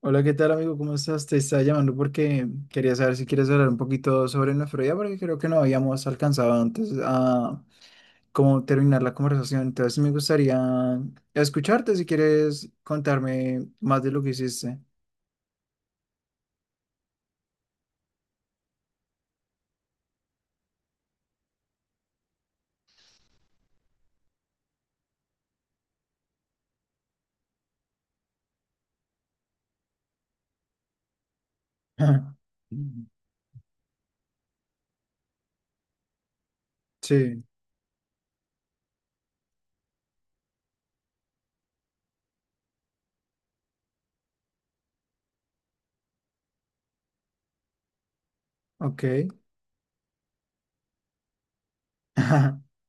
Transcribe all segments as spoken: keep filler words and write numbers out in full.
Hola, ¿qué tal amigo? ¿Cómo estás? Te estaba llamando porque quería saber si quieres hablar un poquito sobre nefrología, porque creo que no habíamos alcanzado antes a cómo terminar la conversación. Entonces sí me gustaría escucharte si quieres contarme más de lo que hiciste. Sí, ok.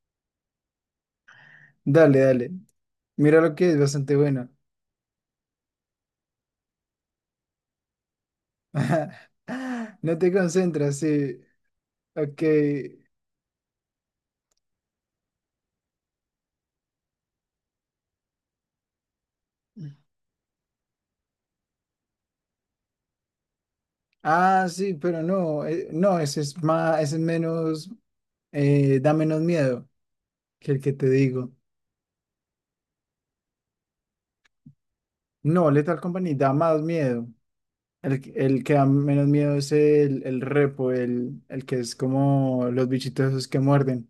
Dale, dale. Mira lo que es bastante bueno. No te concentras, sí. Ok. Ah, sí, pero no, eh, no, ese es más, ese es menos. Eh, da menos miedo que el que te digo. No, Lethal Company da más miedo. El, que- el que da menos miedo es el, el repo, el, el que es como los bichitos esos que muerden.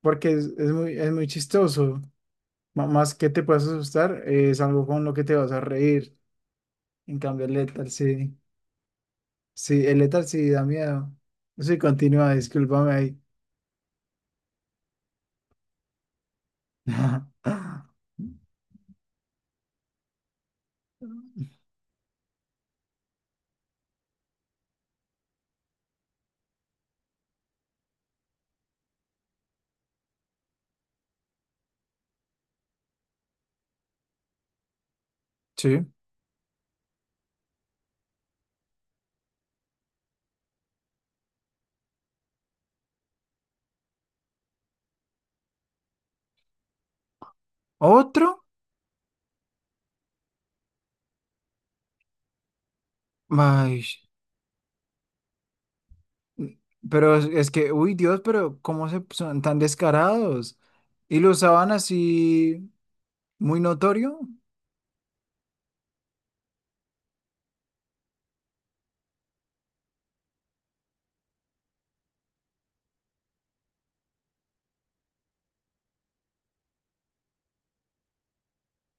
Porque es, es muy, es muy chistoso. M- más que te puedas asustar, eh, es algo con lo que te vas a reír. En cambio, el Lethal sí. Sí, el Lethal sí da miedo. Sí, continúa, discúlpame ahí. Sí. ¿Otro? Ay, pero es, es que, uy, Dios, pero ¿cómo se son tan descarados? Y lo usaban así muy notorio.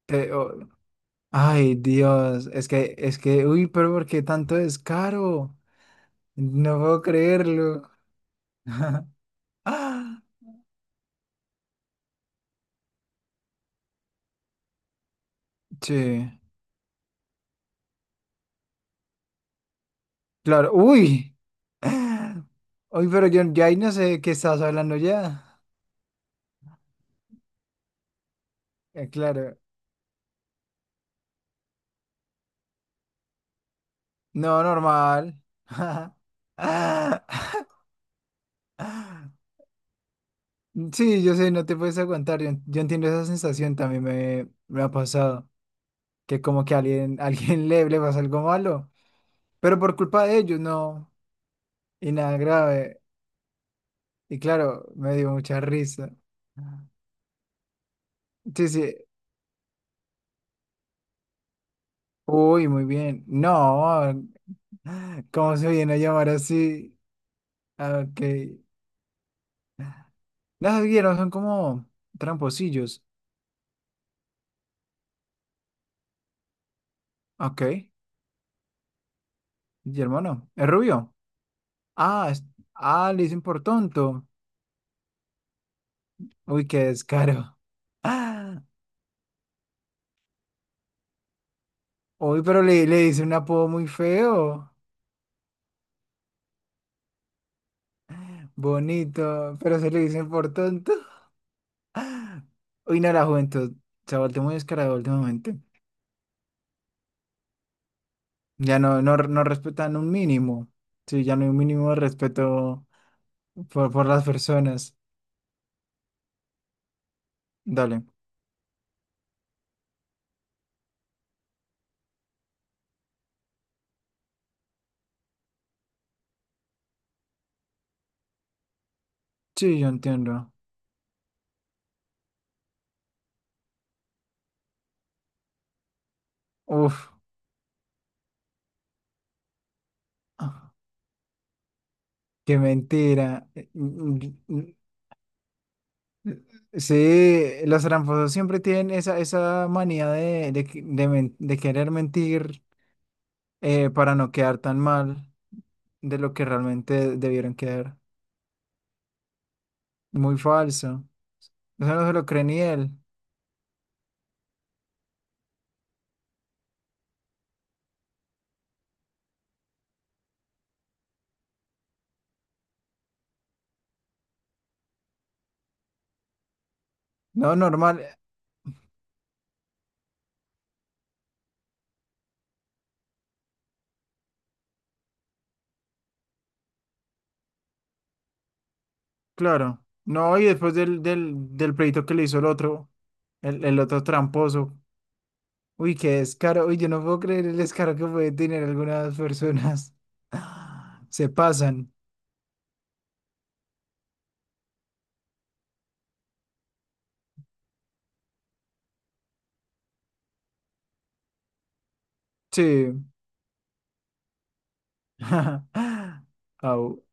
Te- o- Ay, Dios, es que, es que, uy, pero ¿por qué tanto descaro? No puedo creerlo. Ah, sí, claro, uy. Uy, pero yo ya ahí no sé de qué estás hablando ya. Eh, claro, no, normal. Sí, yo sé, no te puedes aguantar. Yo, yo entiendo esa sensación, también me, me ha pasado. Que como que a alguien, alguien le, le pasa algo malo, pero por culpa de ellos, no. Y nada grave. Y claro, me dio mucha risa. Sí, sí. Uy, muy bien. No, ¿cómo se viene a llamar así? Ah, ok. Las vieron son como tramposillos. Ok. Y hermano, es rubio. Ah, es- ah, le dicen por tonto. Uy, qué descaro. Uy, pero le, le dice un apodo muy feo, bonito, pero se le dicen por tonto. Uy, no, la juventud se ha vuelto muy descarada últimamente. Ya no, no, no respetan un mínimo. Sí, ya no hay un mínimo de respeto por, por las personas. Dale. Sí, yo entiendo. Uf, ah, qué mentira. Sí, los tramposos siempre tienen esa, esa manía de, de, que- de men- de querer mentir eh, para no quedar tan mal, de lo que realmente debieron quedar. Muy falso. Eso no se lo cree ni él. No, normal, claro. No, y después del, del, del pleito que le hizo el otro, el, el otro tramposo. Uy, qué descaro. Uy, yo no puedo creer el descaro que puede tener algunas personas. Se pasan. Sí. Au.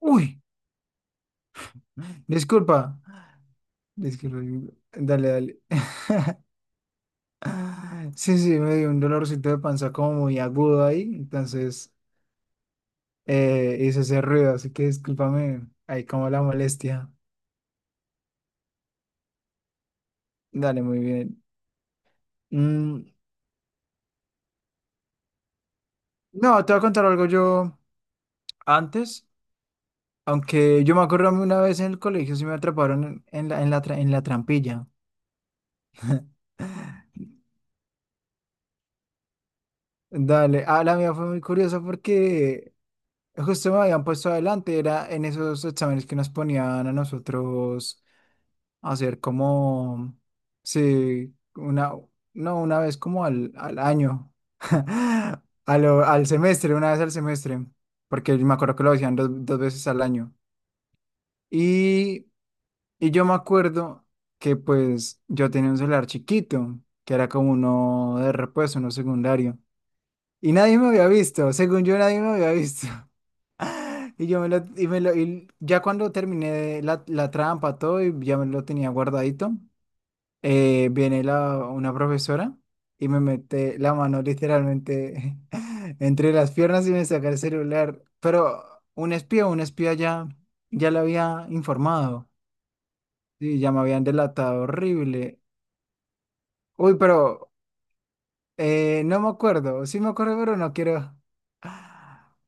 Uy, disculpa. Disculpa. Dale, dale. Sí, sí, me dio un dolorcito de panza como muy agudo ahí. Entonces eh, hizo ese ruido, así que discúlpame ahí como la molestia. Dale, muy bien. Mm, no, te voy a contar algo yo antes, aunque yo me acuerdo a mí una vez en el colegio, sí me atraparon en, en la, en la, tra- en la trampilla. Dale, ah, la mía fue muy curiosa porque justo me habían puesto adelante, era en esos exámenes que nos ponían a nosotros hacer como, sí, una, no, una vez como al, al año, a lo- al semestre, una vez al semestre, porque me acuerdo que lo hacían dos, dos veces al año. Y, y yo me acuerdo que pues yo tenía un celular chiquito, que era como uno de repuesto, uno secundario. Y nadie me había visto, según yo nadie me había visto. Y yo me lo, y me lo, y ya cuando terminé la, la trampa, todo, y ya me lo tenía guardadito. eh, viene la, una profesora y me mete la mano literalmente entre las piernas y me saca el celular. Pero un espía, un espía ya, ya le había informado. Sí, ya me habían delatado horrible. Uy, pero eh, no me acuerdo. Sí me acuerdo, pero no quiero.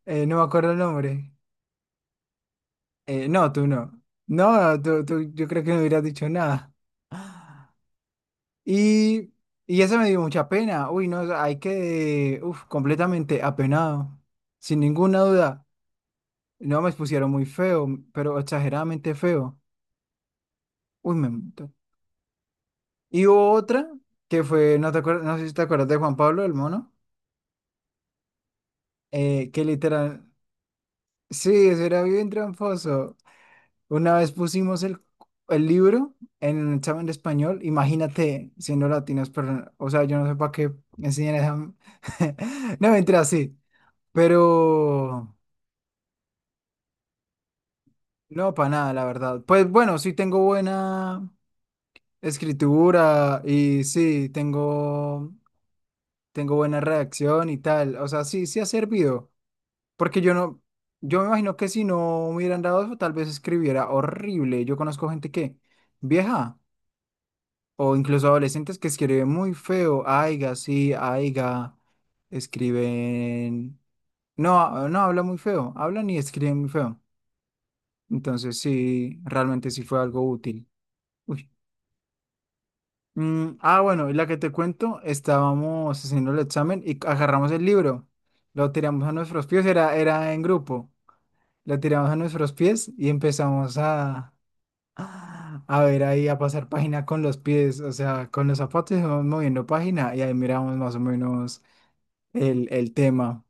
Eh, no me acuerdo el nombre. Eh, no, tú no. No, tú, tú, yo creo que no hubieras dicho nada. Y, y eso me dio mucha pena. Uy, no, o sea, hay que, uf, completamente apenado. Sin ninguna duda. No me expusieron muy feo, pero exageradamente feo. Uy, me mató. Y hubo otra que fue, no te acuerdas, no sé si te acuerdas de Juan Pablo, el mono, eh, que literal, sí, eso era bien tramposo. Una vez pusimos el, el libro en un examen de español, imagínate siendo latinos, pero, o sea, yo no sé para qué enseñan esa... No, mentira, sí. Pero no, para nada, la verdad. Pues bueno, sí tengo buena escritura y sí tengo, tengo buena redacción y tal. O sea, sí, sí ha servido. Porque yo no, Yo me imagino que si no me hubieran dado eso, tal vez escribiera horrible. Yo conozco gente que, vieja, o incluso adolescentes que escriben muy feo. Aiga, sí, aiga. Escriben. No, no habla muy feo. Hablan y escriben muy feo. Entonces, sí, realmente sí fue algo útil. Uy. Mm, ah, bueno, y la que te cuento, estábamos haciendo el examen y agarramos el libro, lo tiramos a nuestros pies, era, era en grupo, lo tiramos a nuestros pies y empezamos a, a ver ahí, a pasar página con los pies, o sea, con los zapatos íbamos moviendo página y ahí miramos más o menos el, el tema.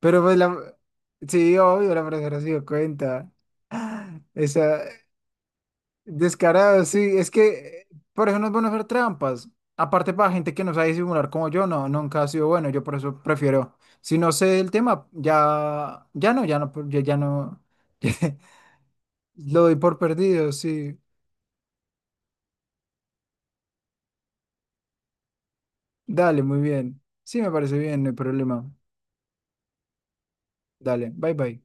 Pero pues la, sí, obvio, la profesora se dio cuenta. Esa, descarado, sí, es que eh, por eso no es bueno hacer trampas. Aparte, para gente que no sabe disimular como yo, no, nunca ha sido bueno. Yo por eso prefiero, si no sé el tema, ya, ya no, ya no, ya, ya no, lo doy por perdido, sí. Dale, muy bien. Sí, me parece bien, no hay problema. Dale, bye bye.